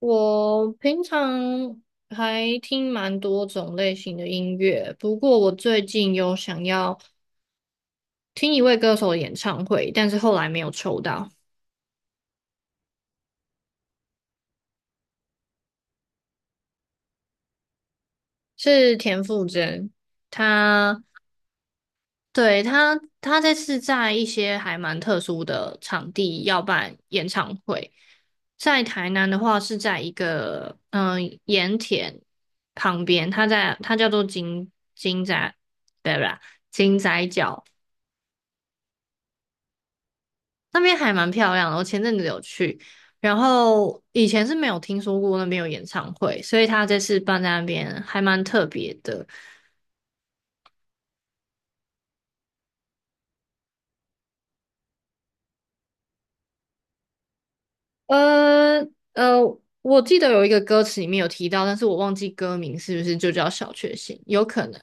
我平常还听蛮多种类型的音乐，不过我最近有想要听一位歌手的演唱会，但是后来没有抽到，是田馥甄。他对他他这次在一些还蛮特殊的场地要办演唱会，在台南的话是在一个盐田旁边，她叫做金仔，对不对？金仔角。那边还蛮漂亮的，我前阵子有去，然后以前是没有听说过那边有演唱会，所以他这次办在那边还蛮特别的。呃呃，我记得有一个歌词里面有提到，但是我忘记歌名是不是就叫小确幸，有可能。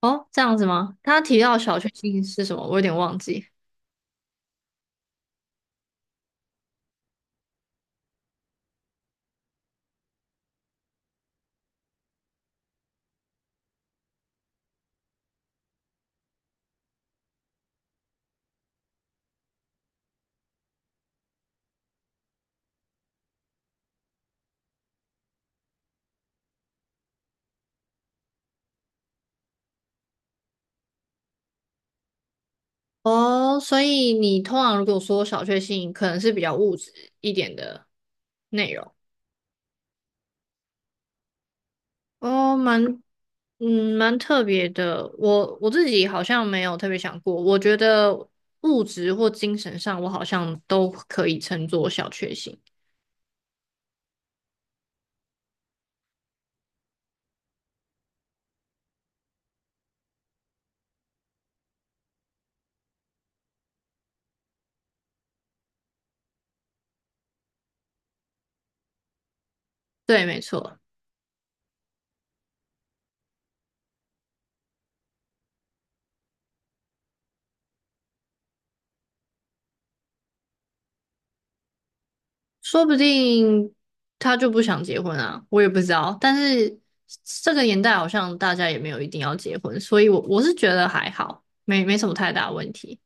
哦，这样子吗？他提到小确幸是什么，我有点忘记。哦，所以你通常如果说小确幸，可能是比较物质一点的内容。哦，蛮，嗯，蛮特别的。我自己好像没有特别想过，我觉得物质或精神上，我好像都可以称作小确幸。对，没错，说不定他就不想结婚啊，我也不知道。但是这个年代好像大家也没有一定要结婚，所以我是觉得还好，没什么太大问题。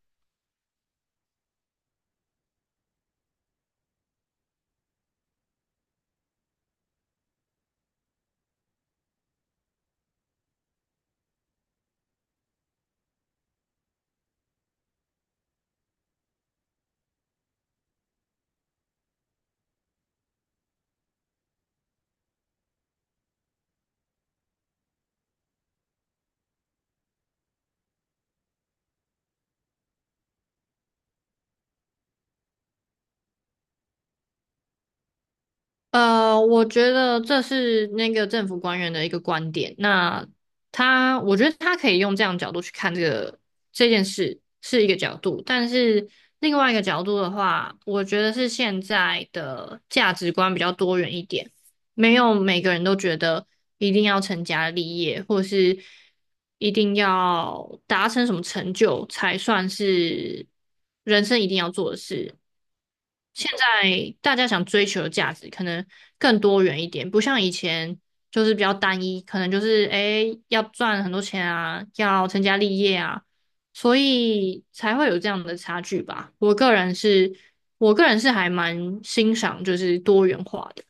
呃，我觉得这是那个政府官员的一个观点。那他，我觉得他可以用这样的角度去看这件事是一个角度，但是另外一个角度的话，我觉得是现在的价值观比较多元一点，没有每个人都觉得一定要成家立业，或是一定要达成什么成就才算是人生一定要做的事。现在大家想追求的价值可能更多元一点，不像以前就是比较单一，可能就是诶要赚很多钱啊，要成家立业啊，所以才会有这样的差距吧。我个人是，我个人是还蛮欣赏就是多元化的，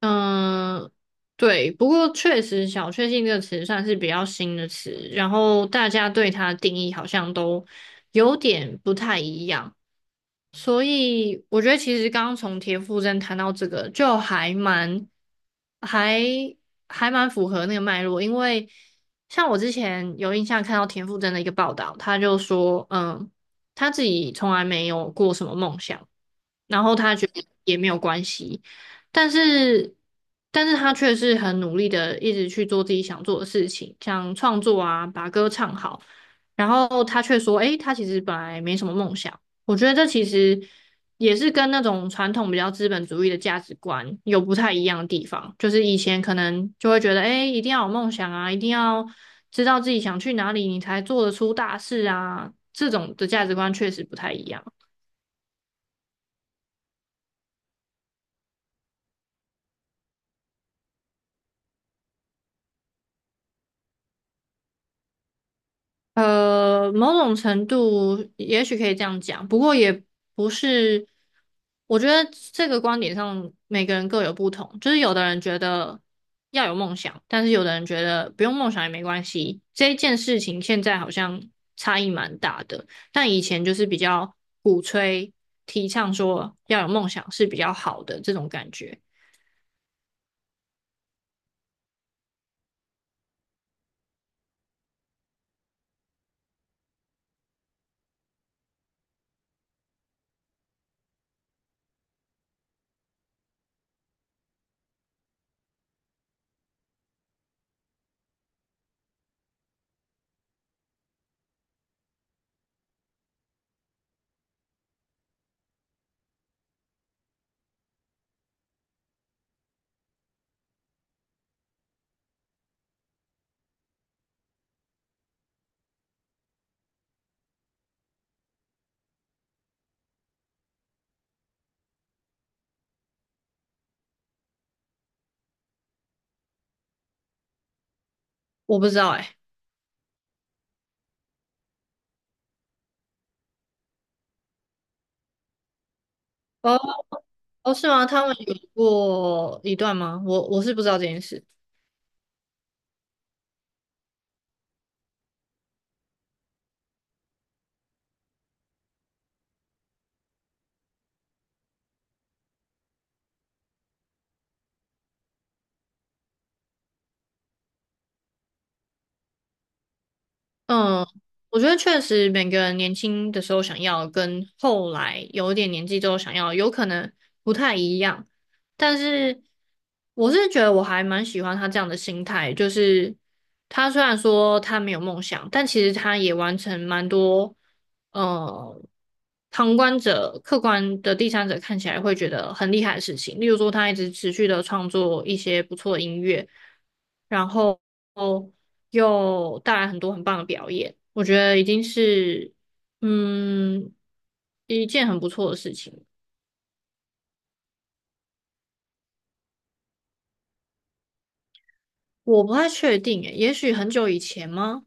嗯、对，不过确实“小确幸”这个词算是比较新的词，然后大家对它的定义好像都有点不太一样。所以我觉得其实刚刚从田馥甄谈到这个，就还蛮还还蛮符合那个脉络，因为像我之前有印象看到田馥甄的一个报道，他就说，嗯，他自己从来没有过什么梦想，然后他觉得也没有关系，但是但是他却是很努力的一直去做自己想做的事情，像创作啊，把歌唱好，然后他却说，诶，他其实本来没什么梦想。我觉得这其实也是跟那种传统比较资本主义的价值观有不太一样的地方。就是以前可能就会觉得，哎，一定要有梦想啊，一定要知道自己想去哪里，你才做得出大事啊。这种的价值观确实不太一样。呃，某种程度也许可以这样讲，不过也不是。我觉得这个观点上，每个人各有不同。就是有的人觉得要有梦想，但是有的人觉得不用梦想也没关系。这一件事情现在好像差异蛮大的，但以前就是比较鼓吹、提倡说要有梦想是比较好的这种感觉。我不知道哎、哦哦，是吗？他们有过一段吗？我是不知道这件事。嗯，我觉得确实每个人年轻的时候想要跟后来有一点年纪之后想要有可能不太一样，但是我是觉得我还蛮喜欢他这样的心态，就是他虽然说他没有梦想，但其实他也完成蛮多，呃，旁观者、客观的第三者看起来会觉得很厉害的事情，例如说他一直持续的创作一些不错的音乐，然后。又带来很多很棒的表演，我觉得已经是嗯一件很不错的事情。我不太确定诶，也许很久以前吗？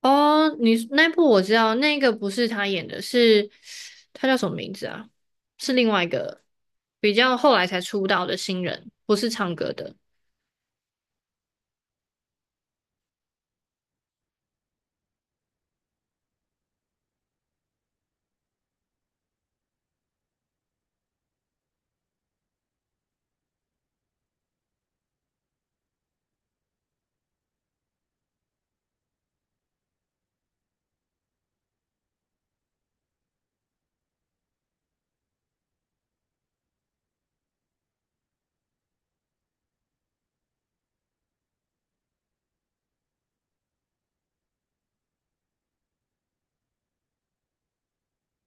哦，你那部我知道，那个不是他演的是，他叫什么名字啊？是另外一个比较后来才出道的新人，不是唱歌的。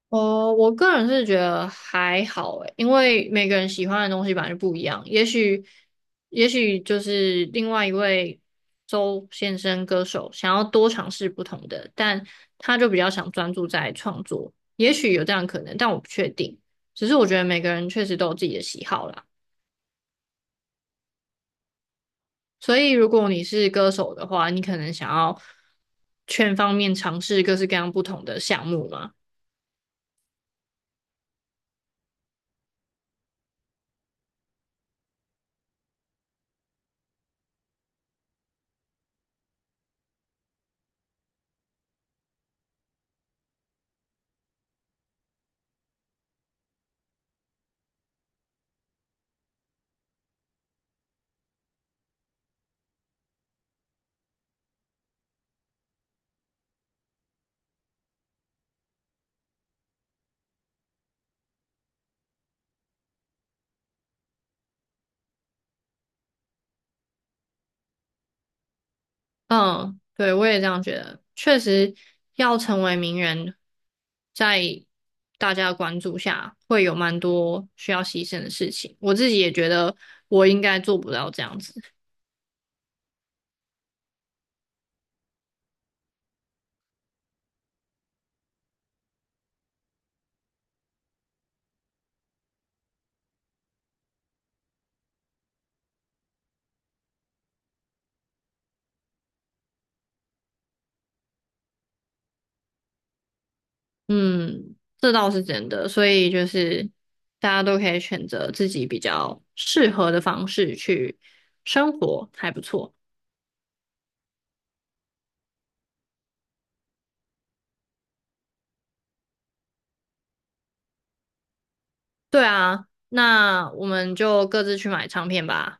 哦，我个人是觉得还好诶，因为每个人喜欢的东西本来就不一样。也许，也许就是另外一位周先生歌手想要多尝试不同的，但他就比较想专注在创作。也许有这样的可能，但我不确定。只是我觉得每个人确实都有自己的喜好啦。所以，如果你是歌手的话，你可能想要全方面尝试各式各样不同的项目嘛。嗯，对，我也这样觉得。确实，要成为名人，在大家的关注下，会有蛮多需要牺牲的事情。我自己也觉得，我应该做不到这样子。嗯，这倒是真的。所以就是，大家都可以选择自己比较适合的方式去生活，还不错。对啊，那我们就各自去买唱片吧。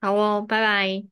好哦，拜拜。